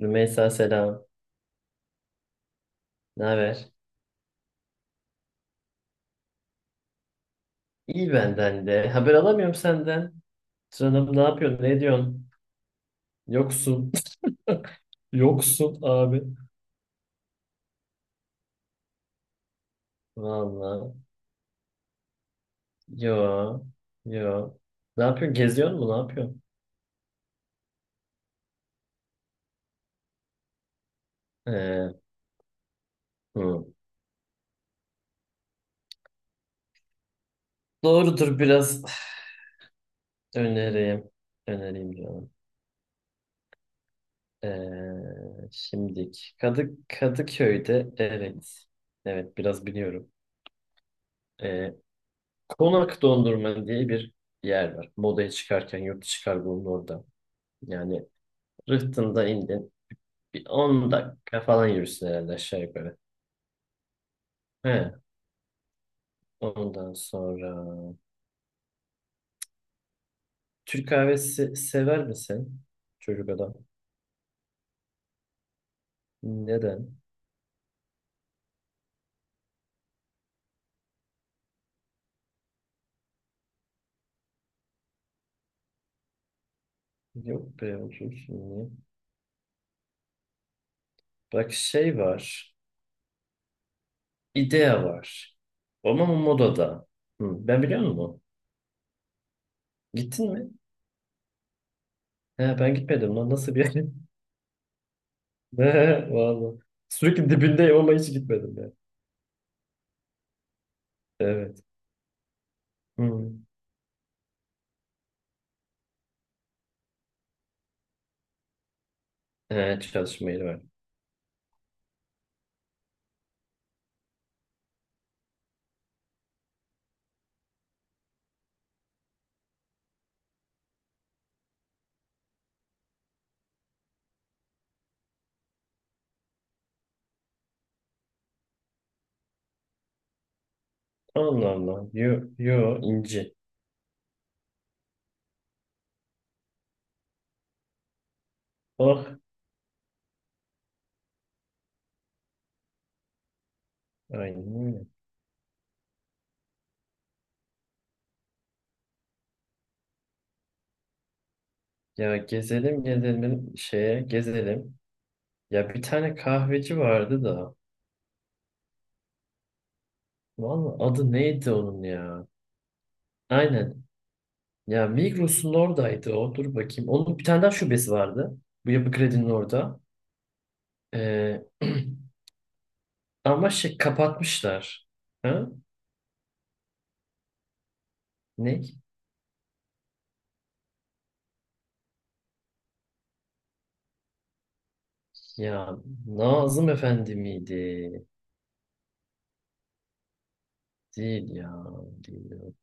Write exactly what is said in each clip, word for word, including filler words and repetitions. Rümeysa selam. Ne haber? İyi benden de. Haber alamıyorum senden. Canım ne yapıyorsun? Ne diyorsun? Yoksun. Yoksun abi. Vallahi. Yo. Yo. Ne yapıyorsun? Geziyor mu? Ne yapıyorsun? Ee, hı. Doğrudur biraz. Önereyim. Önereyim canım. Ee, şimdik. Kadı, Kadıköy'de, evet. Evet biraz biliyorum. Ee, Konak Dondurma diye bir yer var. Modaya çıkarken yurt dışı kargonun orada. Yani Rıhtım'da indin. Bir on dakika falan yürürsün herhalde aşağı yukarı. He. Ondan sonra Türk kahvesi sever misin? Çocuk adam. Neden? Yok be, otursun niye? Bak şey var. İdea var. Ama modada. Hı, ben biliyor musun? Gittin mi? He, ben gitmedim lan. Nasıl bir yer? He, vallahi. Sürekli dibindeyim ama hiç gitmedim ya. Evet. Hı. He, çalışma yeri var. Allah Allah. Yo, yo, inci. Oh. Aynen öyle. Ya gezelim gezelim, şeye gezelim. Ya bir tane kahveci vardı da. Vallahi adı neydi onun ya? Aynen. Ya Migros'un oradaydı o. Dur bakayım. Onun bir tane daha şubesi vardı. Bu Yapı Kredi'nin orada. Ee, ama şey kapatmışlar. Ha? Ne? Ya Nazım Efendi miydi? Değil ya. Değil.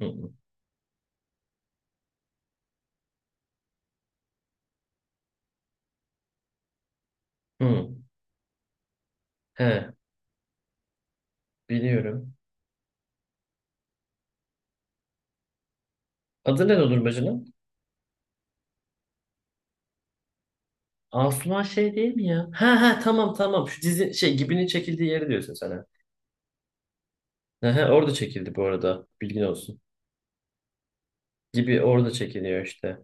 Hı hı. Hı. He, biliyorum. Adı ne Dondurmacı'nın? Asuman şey değil mi ya? Ha ha, tamam tamam. Şu dizi şey Gibi'nin çekildiği yeri diyorsun sen. Ha. He he, orada çekildi bu arada. Bilgin olsun. Gibi orada çekiliyor işte.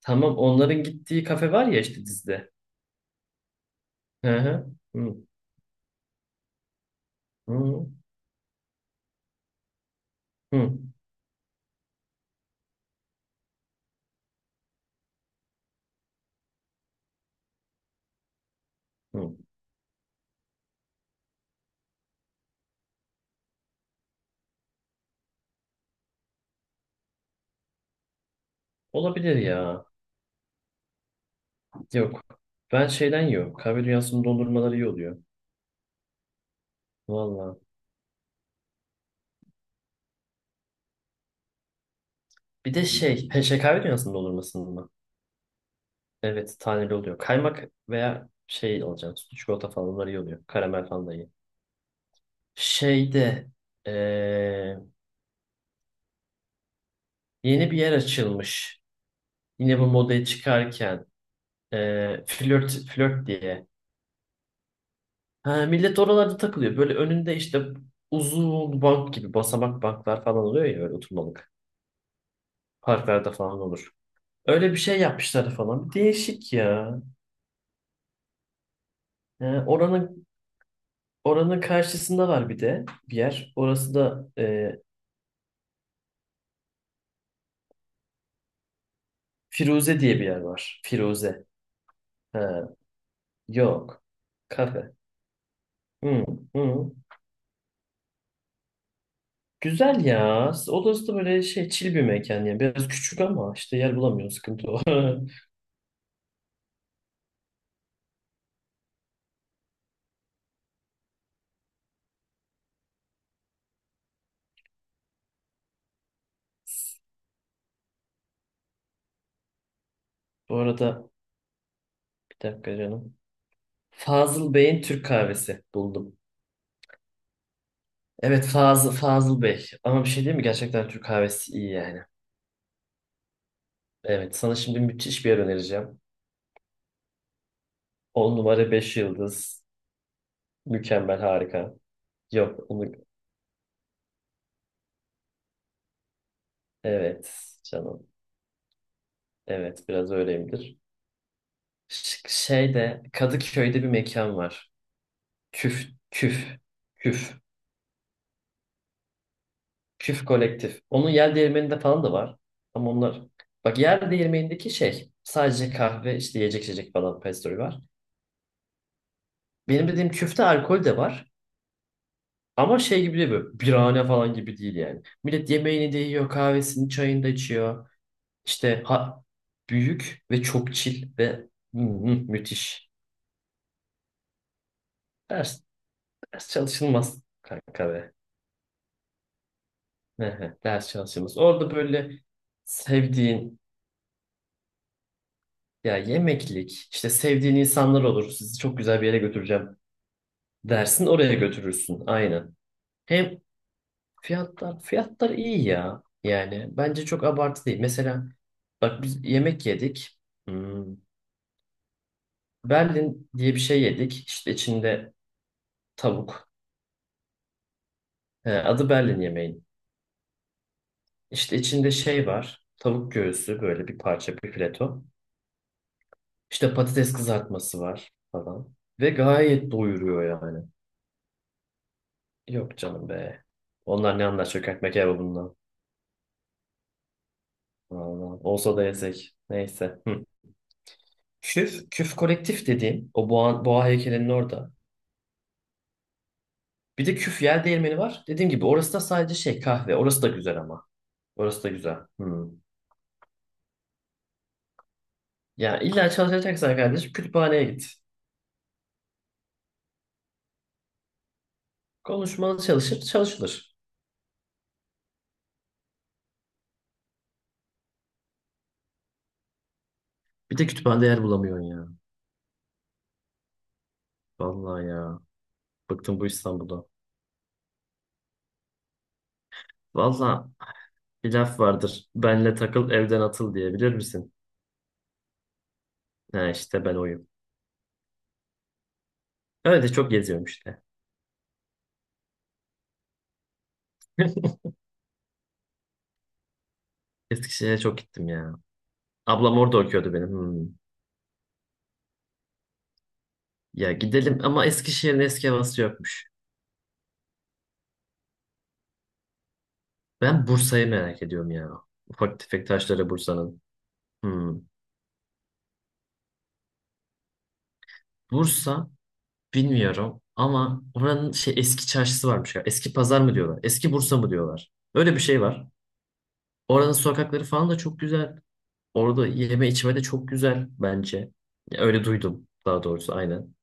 Tamam, onların gittiği kafe var ya, işte dizide. He he. Hı hı hı hı. Olabilir ya. Yok. Ben şeyden yiyorum. Kahve dünyasının dondurmaları iyi oluyor. Valla. Bir de şey. He, şey, kahve dünyasının dondurmasının mı? Evet, taneli oluyor. Kaymak veya şey alacağım. Sütlü çikolata falan, bunlar iyi oluyor. Karamel falan da iyi. Şeyde eee, yeni bir yer açılmış. Yine bu modaya çıkarken eee, flört flört diye. Ha, millet oralarda takılıyor. Böyle önünde işte uzun bank gibi basamak banklar falan oluyor ya, böyle oturmalık. Parklarda falan olur. Öyle bir şey yapmışlar falan. Değişik ya. Ee, oranın oranın karşısında var bir de bir yer. Orası da e, Firuze diye bir yer var. Firuze. Ha, yok. Kafe. Hı, hı. Güzel ya. Odası da böyle şey, çil bir mekan yani. Biraz küçük ama işte yer bulamıyoruz. Sıkıntı o. Bu arada bir dakika canım. Fazıl Bey'in Türk kahvesi buldum. Evet, Fazıl, Fazıl Bey. Ama bir şey değil mi? Gerçekten Türk kahvesi iyi yani. Evet, sana şimdi müthiş bir yer önereceğim. On numara beş yıldız. Mükemmel, harika. Yok onu... Evet canım. Evet, biraz öyleyimdir. Ş- Şeyde, Kadıköy'de bir mekan var. Küf, küf, küf, küf kolektif. Onun yer değirmeninde falan da var. Ama onlar, bak, yer değirmenindeki şey sadece kahve, işte yiyecek içecek falan, pastry var. Benim dediğim küfte alkol de var. Ama şey gibi değil, böyle birahane falan gibi değil yani. Millet yemeğini de yiyor, kahvesini, çayını da içiyor. İşte ha, büyük ve çok chill ve hı hı, müthiş. Ders, ders çalışılmaz kanka be. Hı hı, ders çalışıyoruz. Orada böyle sevdiğin, ya, yemeklik, işte sevdiğin insanlar olur. Sizi çok güzel bir yere götüreceğim dersin, oraya götürürsün. Aynen. Hem fiyatlar fiyatlar iyi ya. Yani bence çok abartı değil. Mesela bak, biz yemek yedik. Hmm, Berlin diye bir şey yedik. İşte içinde tavuk. He, adı Berlin yemeğin. İşte içinde şey var. Tavuk göğsü, böyle bir parça, bir fileto. İşte patates kızartması var falan. Ve gayet doyuruyor yani. Yok canım be. Onlar ne anlar çökertme kebabından. Vallahi. Olsa da yesek. Neyse. Hı. Küf, küf kolektif dediğim, o boğa, boğa heykelinin orada. Bir de küf yer değirmeni var. Dediğim gibi orası da sadece şey, kahve. Orası da güzel ama. Orası da güzel. Hı. Ya illa çalışacaksan kardeşim, kütüphaneye git. Konuşmalı çalışır, çalışılır. Bir de kütüphanede yer bulamıyorsun ya. Vallahi ya. Bıktım bu İstanbul'da. Vallahi, bir laf vardır. Benle takıl, evden atıl diye, bilir misin? Ha işte, ben oyum. Öyle çok geziyorum işte. Eskişehir'e çok gittim ya. Ablam orada okuyordu benim. Hmm. Ya gidelim ama Eskişehir'in eski havası yokmuş. Ben Bursa'yı merak ediyorum ya. Ufak tefek taşları Bursa'nın. Hmm. Bursa bilmiyorum ama oranın şey, eski çarşısı varmış ya. Eski pazar mı diyorlar? Eski Bursa mı diyorlar? Öyle bir şey var. Oranın sokakları falan da çok güzel. Orada yeme içme de çok güzel bence. Ya öyle duydum daha doğrusu, aynen.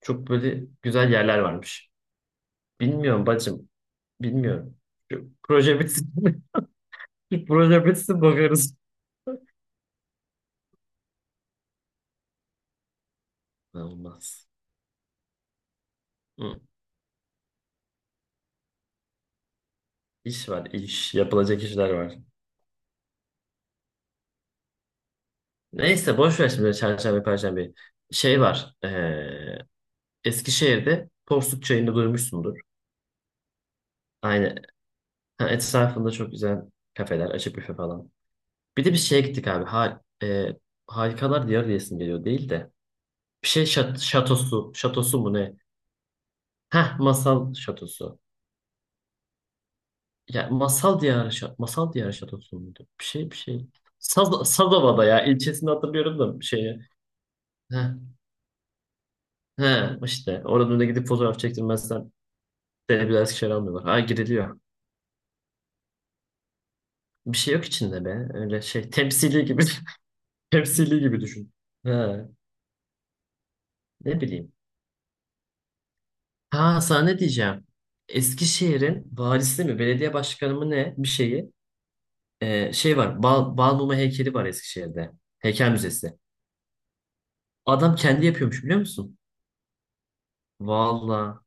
Çok böyle güzel yerler varmış. Bilmiyorum bacım. Bilmiyorum. Şu proje bitsin. Şu proje bitsin bakarız. Olmaz. Hı. İş var iş. Yapılacak işler var. Neyse, boş ver şimdi çarşambe perşembe. Şey var. eee, Eskişehir'de Porsuk Çayı'nı duymuşsundur. Aynen. Ha, etrafında çok güzel kafeler. Açık büfe falan. Bir de bir şeye gittik abi. Ha, eee, Harikalar Diyarı diyesim geliyor değil de. Bir şey şat- şatosu. Şatosu mu ne? Heh, masal şatosu. Ya masal diyarı şa- masal diyarı şatosu muydu? Bir şey bir şey. Saz, Sazova'da ya, ilçesini hatırlıyorum da şeyi. Heh, heh, işte oradan da gidip fotoğraf çektirmezsen seni bir daha Eskişehir'e almıyorlar. Ha, giriliyor. Bir şey yok içinde be. Öyle şey, temsili gibi temsili gibi düşün. Ha, ne bileyim. Ha, sana ne diyeceğim. Eskişehir'in valisi mi belediye başkanı mı ne bir şeyi. Ee, şey var. Bal, Balmumu heykeli var Eskişehir'de. Heykel müzesi. Adam kendi yapıyormuş, biliyor musun? Valla.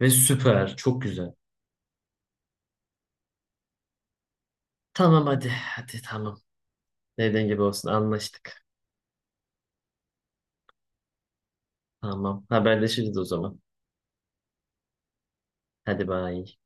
Ve süper. Çok güzel. Tamam hadi. Hadi tamam. Dediğin gibi olsun. Anlaştık. Tamam. Haberleşiriz o zaman. Hadi bay.